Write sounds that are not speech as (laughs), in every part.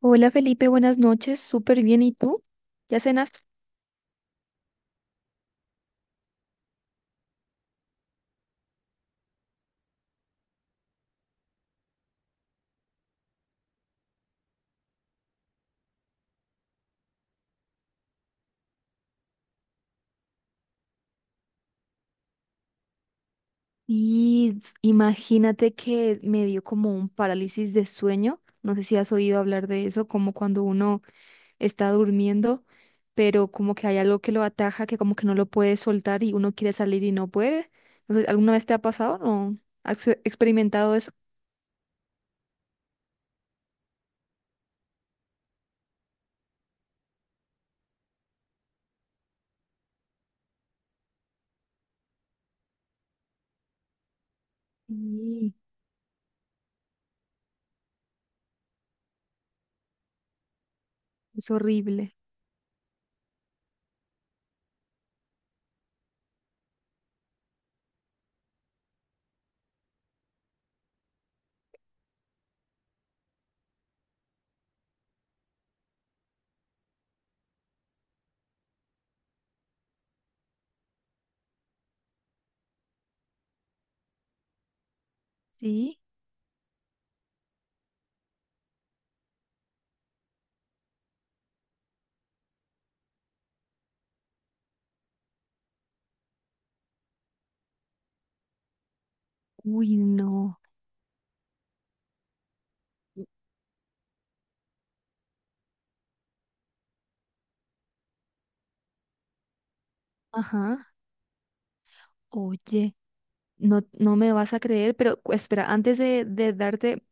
Hola Felipe, buenas noches, súper bien. ¿Y tú? ¿Ya cenas? Y imagínate que me dio como un parálisis de sueño. No sé si has oído hablar de eso, como cuando uno está durmiendo, pero como que hay algo que lo ataja, que como que no lo puede soltar y uno quiere salir y no puede. No sé, ¿alguna vez te ha pasado? ¿No? ¿Has experimentado eso? Sí, es horrible. ¿Sí? Uy, no. Ajá. Oye. No, no me vas a creer, pero espera, antes de darte,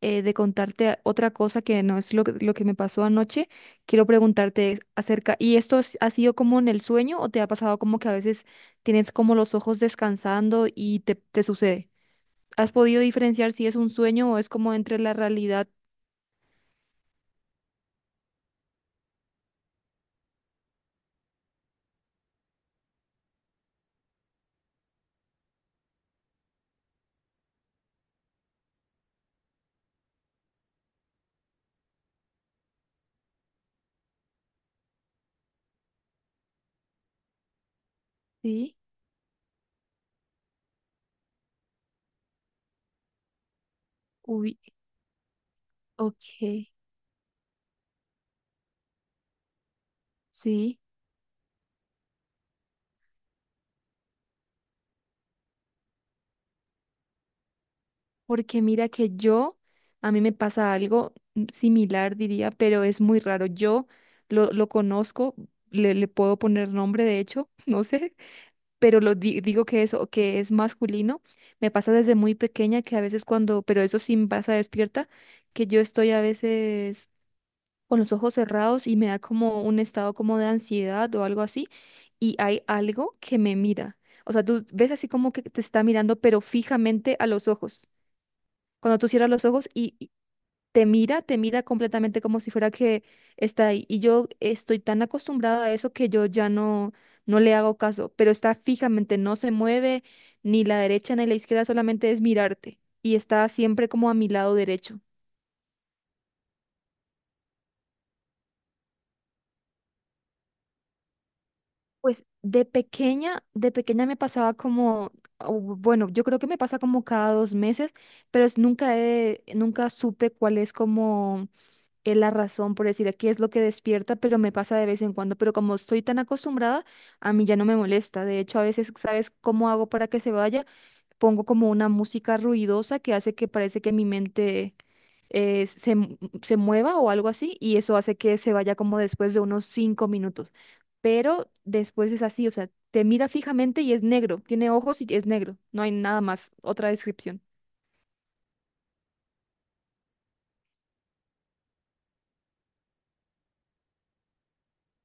de contarte otra cosa que no es lo que me pasó anoche, quiero preguntarte acerca, ¿y esto ha sido como en el sueño o te ha pasado como que a veces tienes como los ojos descansando y te sucede? ¿Has podido diferenciar si es un sueño o es como entre la realidad? Sí, uy, ok, sí. Porque mira que yo, a mí me pasa algo similar, diría, pero es muy raro. Yo lo conozco, le puedo poner nombre, de hecho, (laughs) no sé, pero lo digo que eso, que es masculino. Me pasa desde muy pequeña que a veces cuando, pero eso sí me pasa despierta, que yo estoy a veces con los ojos cerrados y me da como un estado como de ansiedad o algo así, y hay algo que me mira. O sea, tú ves así como que te está mirando, pero fijamente a los ojos. Cuando tú cierras los ojos y te mira completamente como si fuera que está ahí. Y yo estoy tan acostumbrada a eso que yo ya no, no le hago caso, pero está fijamente, no se mueve ni la derecha ni la izquierda, solamente es mirarte. Y está siempre como a mi lado derecho. Pues de pequeña me pasaba como, o bueno, yo creo que me pasa como cada 2 meses, pero nunca nunca supe cuál es como es la razón por decir aquí es lo que despierta, pero me pasa de vez en cuando, pero como estoy tan acostumbrada, a mí ya no me molesta. De hecho, a veces, ¿sabes cómo hago para que se vaya? Pongo como una música ruidosa que hace que parece que mi mente se mueva o algo así, y eso hace que se vaya como después de unos 5 minutos. Pero después es así, o sea, te mira fijamente y es negro, tiene ojos y es negro, no hay nada más, otra descripción.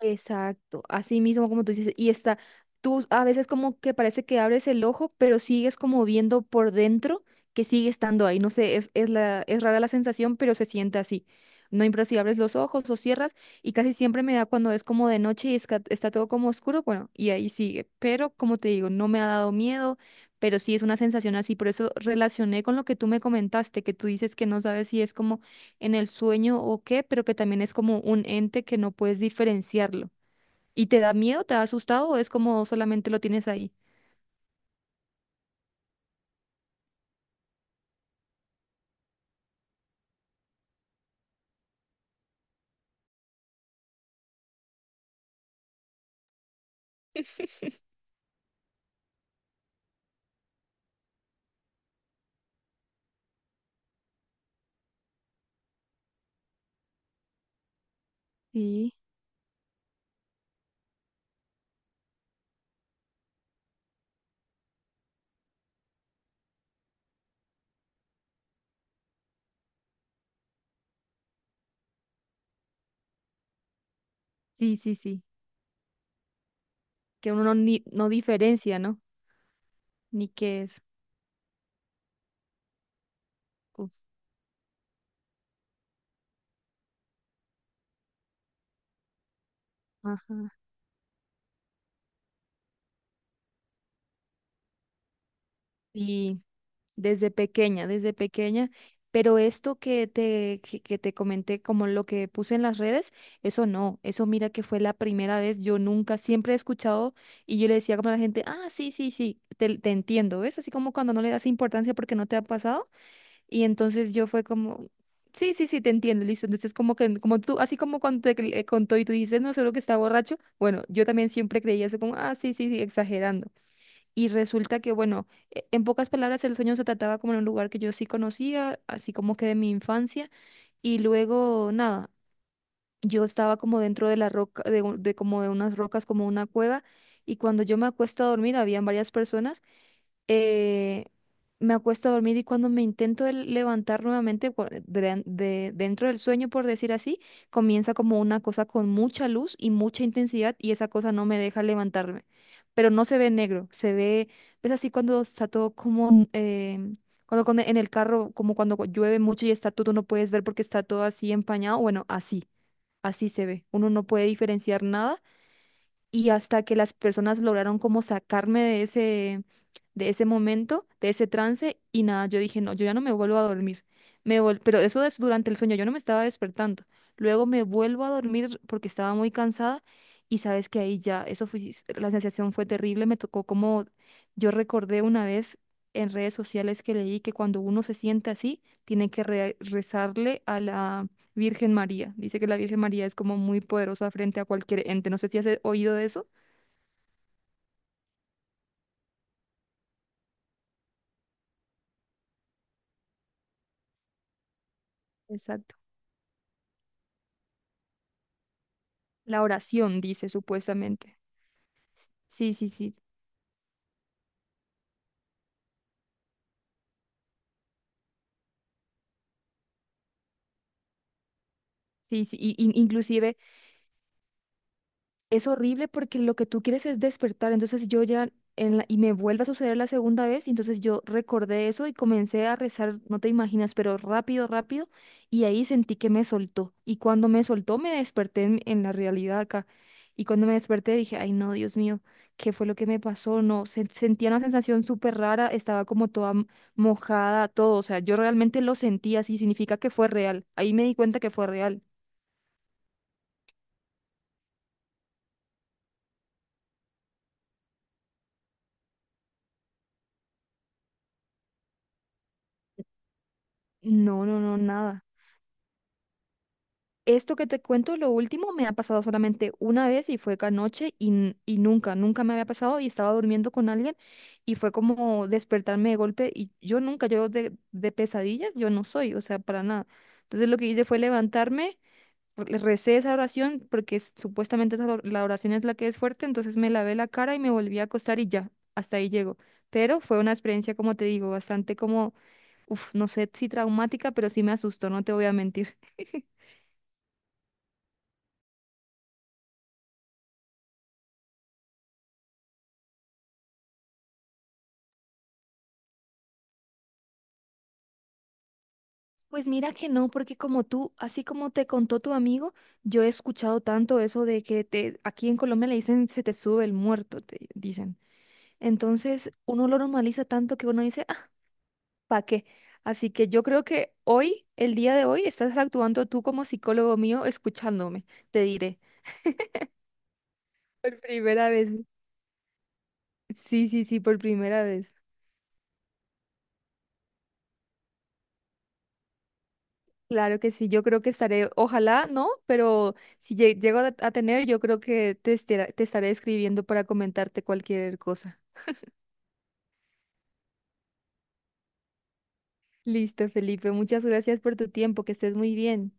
Exacto, así mismo como tú dices, y está, tú a veces como que parece que abres el ojo, pero sigues como viendo por dentro que sigue estando ahí, no sé, es rara la sensación, pero se siente así. No importa si abres los ojos o cierras, y casi siempre me da cuando es como de noche y está todo como oscuro, bueno, y ahí sigue, pero como te digo, no me ha dado miedo, pero sí es una sensación así, por eso relacioné con lo que tú me comentaste, que tú dices que no sabes si es como en el sueño o qué, pero que también es como un ente que no puedes diferenciarlo. ¿Y te da miedo, te da asustado o es como solamente lo tienes ahí? Sí, sí, sí, sí. Que uno no, ni, no diferencia, ¿no? Ni qué es. Uf, ajá. Y desde pequeña, pero esto que te comenté, como lo que puse en las redes, eso no, eso mira que fue la primera vez, yo nunca, siempre he escuchado y yo le decía como a la gente, ah, sí, sí, sí, te entiendo, ¿ves? Así como cuando no le das importancia porque no te ha pasado y entonces yo fue como. Sí, sí, sí, te entiendo, listo. Entonces, como que, como tú, así como cuando te contó y tú dices, no, seguro que está borracho. Bueno, yo también siempre creía eso como, ah, sí, sí, sí, exagerando. Y resulta que, bueno, en pocas palabras, el sueño se trataba como en un lugar que yo sí conocía, así como que de mi infancia. Y luego, nada, yo estaba como dentro de la roca, de como de unas rocas, como una cueva. Y cuando yo me acuesto a dormir, habían varias personas eh, me acuesto a dormir y cuando me intento levantar nuevamente dentro del sueño, por decir así, comienza como una cosa con mucha luz y mucha intensidad y esa cosa no me deja levantarme. Pero no se ve negro, ves así cuando está todo como, cuando en el carro, como cuando llueve mucho y está todo, no puedes ver porque está todo así empañado, bueno, así, se ve. Uno no puede diferenciar nada y hasta que las personas lograron como sacarme de ese momento, de ese trance, y nada, yo dije, no, yo ya no me vuelvo a dormir. Pero eso es durante el sueño, yo no me estaba despertando. Luego me vuelvo a dormir porque estaba muy cansada y sabes que ahí ya, eso fue, la sensación fue terrible, me tocó como, yo recordé una vez en redes sociales que leí que cuando uno se siente así, tiene que rezarle a la Virgen María. Dice que la Virgen María es como muy poderosa frente a cualquier ente. No sé si has oído de eso. Exacto. La oración, dice supuestamente. Sí, sí, sí. Sí, sí. Inclusive es horrible porque lo que tú quieres es despertar. Entonces yo ya, y me vuelve a suceder la segunda vez, y entonces yo recordé eso y comencé a rezar, no te imaginas, pero rápido, rápido, y ahí sentí que me soltó. Y cuando me soltó, me desperté en la realidad acá. Y cuando me desperté dije, ay no, Dios mío, ¿qué fue lo que me pasó? No, sentía una sensación súper rara, estaba como toda mojada, todo. O sea, yo realmente lo sentí así, significa que fue real. Ahí me di cuenta que fue real. No, no, no, nada. Esto que te cuento, lo último, me ha pasado solamente una vez y fue anoche y, y nunca, nunca me había pasado y estaba durmiendo con alguien y fue como despertarme de golpe y yo nunca, yo de pesadillas, yo no soy, o sea, para nada. Entonces lo que hice fue levantarme, le recé esa oración porque supuestamente esa la oración es la que es fuerte, entonces me lavé la cara y me volví a acostar y ya, hasta ahí llego. Pero fue una experiencia, como te digo, bastante como, uff, no sé si traumática, pero sí me asustó, no te voy a mentir. (laughs) Pues mira que no, porque como tú, así como te contó tu amigo, yo he escuchado tanto eso de que aquí en Colombia le dicen se te sube el muerto, te dicen. Entonces uno lo normaliza tanto que uno dice, ah, ¿pa' qué? Así que yo creo que hoy, el día de hoy, estás actuando tú como psicólogo mío escuchándome, te diré. Por primera vez. Sí, sí, sí, por primera vez. Claro que sí, yo creo que estaré, ojalá no, pero si llego a tener, yo creo que te estaré escribiendo para comentarte cualquier cosa. Listo, Felipe, muchas gracias por tu tiempo, que estés muy bien.